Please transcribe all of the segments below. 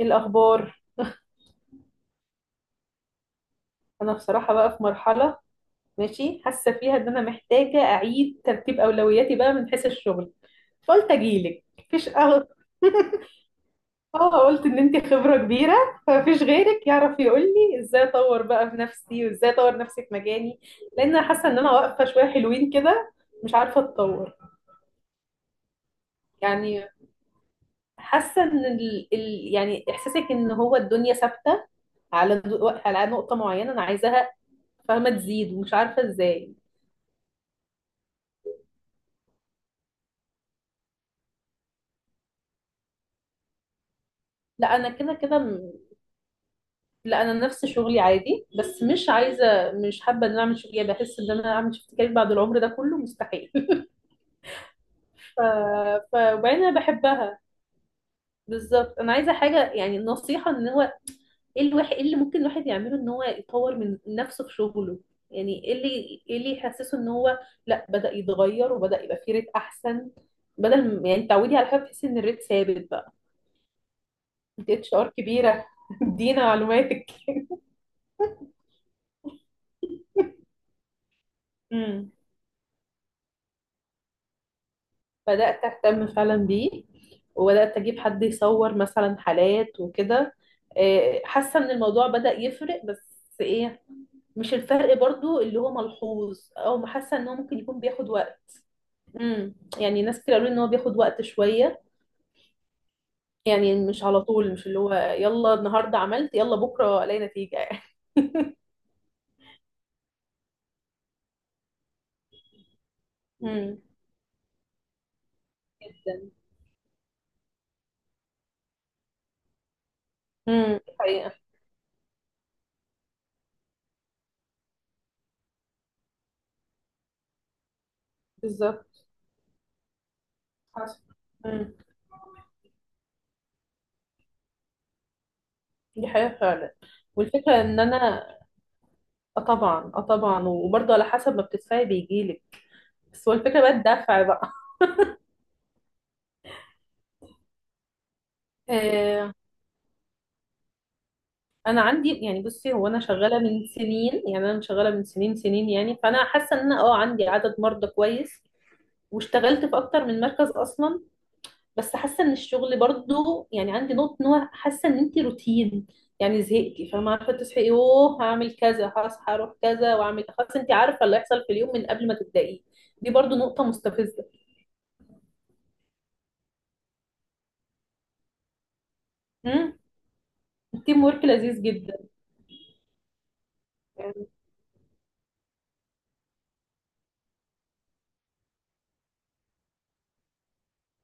ايه الاخبار؟ انا بصراحه بقى في مرحله ماشي حاسه فيها ان انا محتاجه اعيد ترتيب اولوياتي بقى من حيث الشغل، فقلت اجيلك. مفيش اه قلت ان انت خبره كبيره، فمفيش غيرك يعرف يقول لي ازاي اطور بقى في نفسي وازاي اطور نفسي في مجاني. لان انا حاسه ان انا واقفه شويه حلوين كده، مش عارفه اتطور. يعني حاسه ان يعني احساسك ان هو الدنيا ثابته على على نقطه معينه انا عايزاها، فاهمه تزيد ومش عارفه ازاي. لا انا كده كده لا انا نفس شغلي عادي، بس مش عايزه، مش حابه ان انا اعمل شغلي بحس ان انا اعمل شيفت كارير بعد العمر ده كله مستحيل. ف... وبعدين انا بحبها بالظبط. انا عايزه حاجه، يعني النصيحه ان هو ايه الواحد، ايه اللي ممكن الواحد يعمله ان هو يطور من نفسه في شغله، يعني ايه اللي يحسسه ان هو لا بدأ يتغير وبدأ يبقى فيه ريت احسن، بدل ما- يعني تعودي على حاجه بتحسي ان الريت ثابت بقى. انت اتش ار كبيره ادينا معلوماتك. بدأت أهتم فعلا بيه، وبدأت أجيب حد يصور مثلا حالات وكده. حاسة إن الموضوع بدأ يفرق، بس إيه، مش الفرق برضو اللي هو ملحوظ، أو حاسة إن هو ممكن يكون بياخد وقت. امم، يعني ناس كتير قالوا لي إن هو بياخد وقت شوية، يعني مش على طول، مش اللي هو يلا النهاردة عملت يلا بكرة ألاقي نتيجة يعني. امم، جدا. امم، دي حقيقة. بالظبط. حصل. امم، دي حقيقة فعلا. والفكرة إن أنا اه طبعا اه طبعا، وبرضه على حسب ما بتدفعي بيجيلك. بس هو الفكره بقى الدفع بقى. آه انا عندي، يعني بصي، هو انا شغاله من سنين، يعني انا شغاله من سنين سنين يعني، فانا حاسه ان انا عندي عدد مرضى كويس، واشتغلت في اكتر من مركز اصلا. بس حاسه ان الشغل برضه، يعني عندي نقطه ان هو حاسه ان انت روتين، يعني زهقتي، فما عارفه تصحي يوه هعمل كذا هصحى اروح كذا واعمل خلاص، انت عارفه اللي هيحصل في اليوم من قبل ما تبدايه. دي برضه نقطه مستفزه. امم. التيم ورك لذيذ جدا.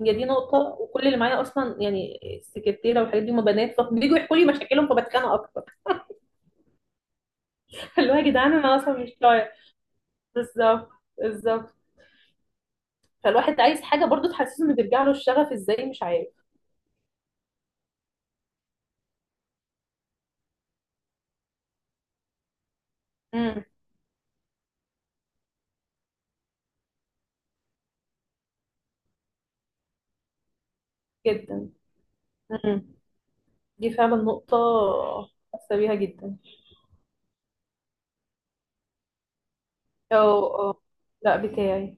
هي دي نقطة، وكل اللي معايا أصلا يعني السكرتيرة والحاجات دي هما بنات، فبييجوا يحكوا لي مشاكلهم، فبتخانق أكتر. اللي هو يا جدعان أنا أصلا مش طايق. بالظبط. بالظبط. فالواحد عايز حاجة برضو تحسسه إنه بيرجع له الشغف إزاي، مش عارف. امم. جدا. امم، دي فعلا نقطة، حاسة بيها جدا. أه، أه، لا بتاعي.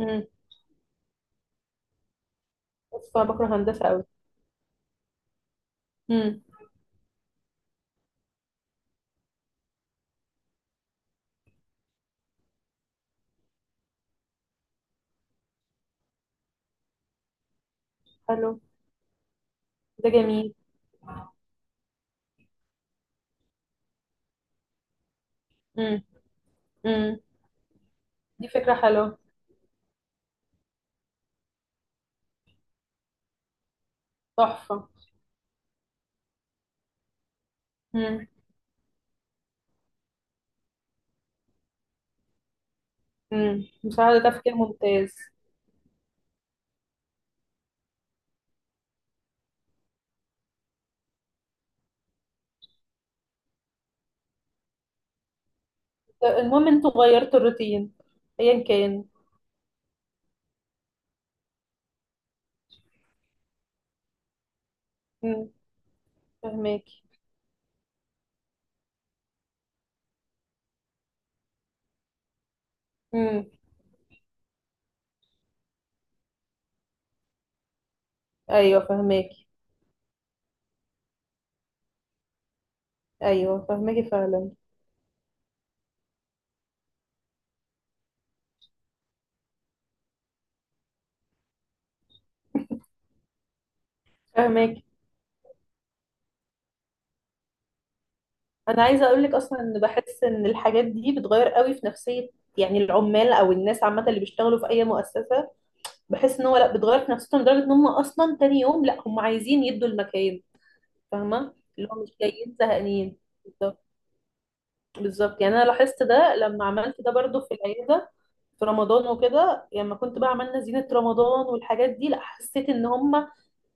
امم. بس أنا بكره هندسة أوي. امم، حلو، ده جميل. امم. امم، دي فكرة حلوة، تحفة. امم. امم، بصراحة ده تفكير ممتاز. المهم انتوا غيرتوا الروتين، ايا كان. امم. فهماكي. امم. ايوه فهماكي. ايوه فهماكي فعلا. فهماكي. انا عايزه اقول لك اصلا ان بحس ان الحاجات دي بتغير قوي في نفسيه، يعني العمال او الناس عامه اللي بيشتغلوا في اي مؤسسه. بحس ان هو لا بتغير في نفسيتهم لدرجه ان هم اصلا تاني يوم لا هم عايزين يدوا المكان، فاهمه اللي هو مش جايين زهقانين. بالظبط، يعني انا لاحظت ده لما عملت ده برضو في العياده في رمضان وكده، يعني لما كنت بقى عملنا زينه رمضان والحاجات دي، لا حسيت ان هم،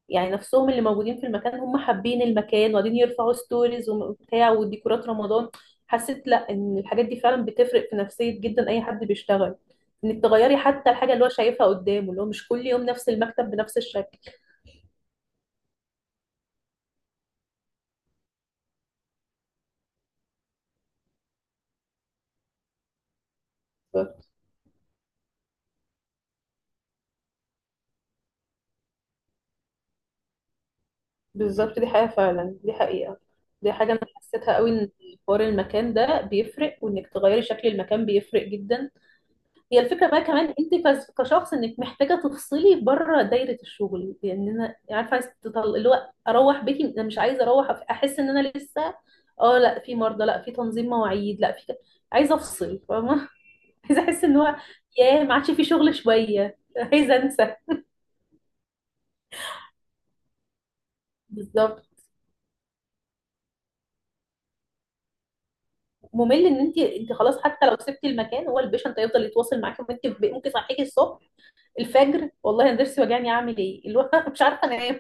يعني نفسهم اللي موجودين في المكان هم حابين المكان، وقاعدين يرفعوا ستوريز وبتاع وديكورات رمضان. حسيت لا ان الحاجات دي فعلا بتفرق في نفسيه جدا اي حد بيشتغل. انك تغيري حتى الحاجه اللي هو شايفها قدامه، اللي هو مش كل يوم نفس المكتب بنفس الشكل. بالظبط، دي حقيقة فعلا، دي حقيقة. دي حاجة أنا حسيتها قوي، إن حوار المكان ده بيفرق، وإنك تغيري شكل المكان بيفرق جدا. هي الفكرة بقى كمان أنت كشخص إنك محتاجة تفصلي بره دايرة الشغل، لأن أنا عارفة اللي هو أروح بيتي، أنا مش عايزة أروح أحس إن أنا لسه، أه لا في مرضى لا في تنظيم مواعيد لا في عايزة أفصل فاهمة. عايزة أحس إن هو ياه ما عادش في شغل شوية، عايزة أنسى. بالظبط. ممل ان انت خلاص، حتى لو سبتي المكان هو البيشنت هيفضل يتواصل معاكي، وانت ممكن يصحيكي الصبح الفجر، والله انا ضرسي وجعني اعمل ايه، اللي هو مش عارفه انام،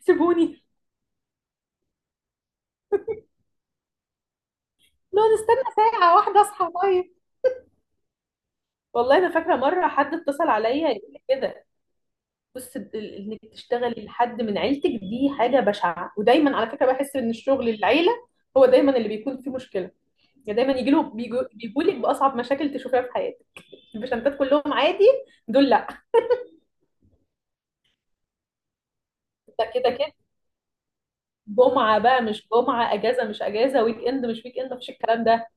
سيبوني، لا نستنى ساعه واحده اصحى طيب. والله انا فاكره مره حد اتصل عليا يقول لي كده، بص انك تشتغلي لحد من عيلتك دي حاجه بشعه، ودايما على فكره بحس ان الشغل العيله هو دايما اللي بيكون فيه مشكله، يعني دايما يجي له بيجوا لك باصعب مشاكل تشوفيها في حياتك، البيشنتات كلهم عادي، دول لا. ده كده جمعة بقى مش جمعة، اجازة مش اجازة، ويك اند مش ويك اند، مفيش الكلام ده.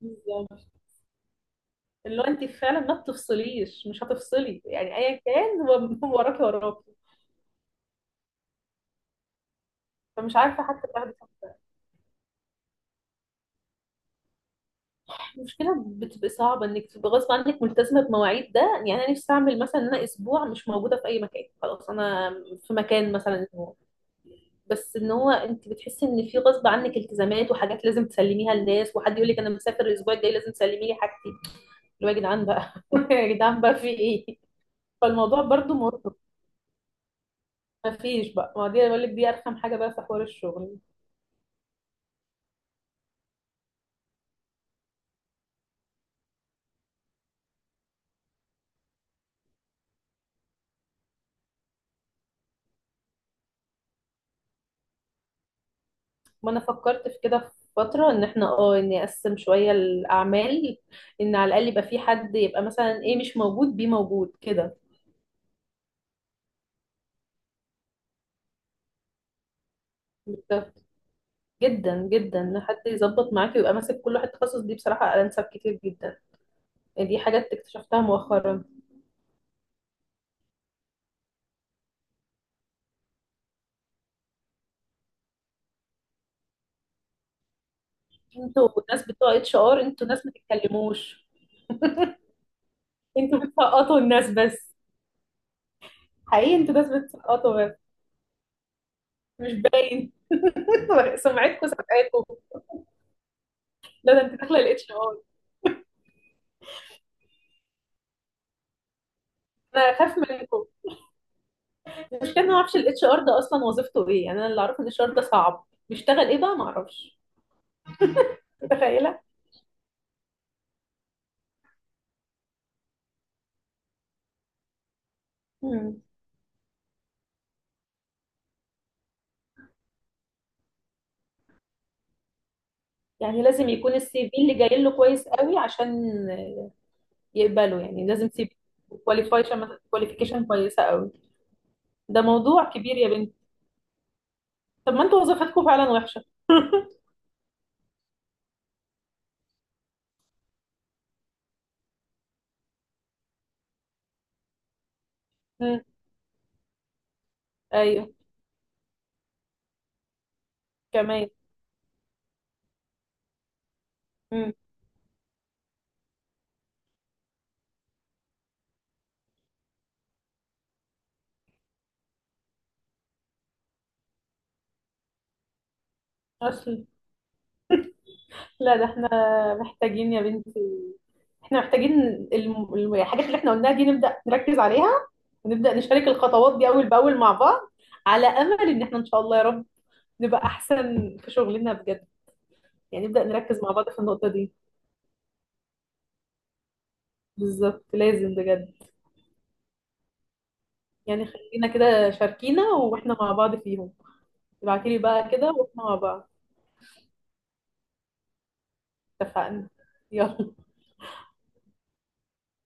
بالظبط، اللي هو انت فعلا ما بتفصليش، مش هتفصلي يعني ايا كان، هو هو وراكي وراكي. فمش عارفه حتى تاخدي صح. المشكله بتبقى صعبه انك تبقى غصب عنك ملتزمه بمواعيد ده، يعني انا نفسي اعمل مثلا ان انا اسبوع مش موجوده في اي مكان، خلاص انا في مكان مثلا اسبوع، بس ان هو انت بتحسي ان في غصب عنك التزامات وحاجات لازم تسلميها للناس، وحد يقول لك انا مسافر الاسبوع الجاي لازم تسلمي لي حاجتي، اللي هو يا جدعان بقى يا جدعان بقى في ايه. فالموضوع برضو مرهق، مفيش بقى، ما دي بقول لك دي ارخم حاجه بقى في حوار الشغل. ما انا فكرت في كده في فتره ان احنا اه اني اقسم شويه الاعمال، ان على الاقل يبقى في حد يبقى مثلا ايه مش موجود بيه موجود كده. بالظبط. جدا جدا إن حد يظبط معاك ويبقى ماسك كل واحد تخصص، دي بصراحه انسب كتير جدا، يعني دي حاجات اكتشفتها مؤخرا. انتوا الناس بتوع اتش ار انتوا ناس ما تتكلموش، انتوا بتسقطوا الناس بس، حقيقي انتوا ناس بتسقطوا، مش باين. سمعتكم سابقاكم، لا ده انت داخله الاتش ار، انا اخاف منكم. المشكله إن انا ما اعرفش الاتش ار ده اصلا وظيفته ايه، يعني انا اللي اعرفه ان الاتش ار ده صعب، بيشتغل ايه بقى ما اعرفش. متخيله. مم. يعني لازم يكون السي في اللي جاي له كويس قوي عشان يقبله، يعني لازم سي في، كواليفيكيشن، كواليفيكيشن كويسه قوي. ده موضوع كبير يا بنتي. طب ما انتوا وظيفتكم فعلا وحشه. مم. ايوه كمان. امم. لا ده احنا محتاجين يا بنتي، احنا محتاجين الحاجات اللي احنا قلناها دي نبدأ نركز عليها، ونبدأ نشارك الخطوات دي أول بأول مع بعض، على أمل إن احنا إن شاء الله يا رب نبقى أحسن في شغلنا بجد. يعني نبدأ نركز مع بعض في النقطة دي، بالظبط لازم بجد. يعني خلينا كده شاركينا واحنا مع بعض فيهم. ابعتيلي بقى كده واحنا مع بعض. اتفقنا. يلا.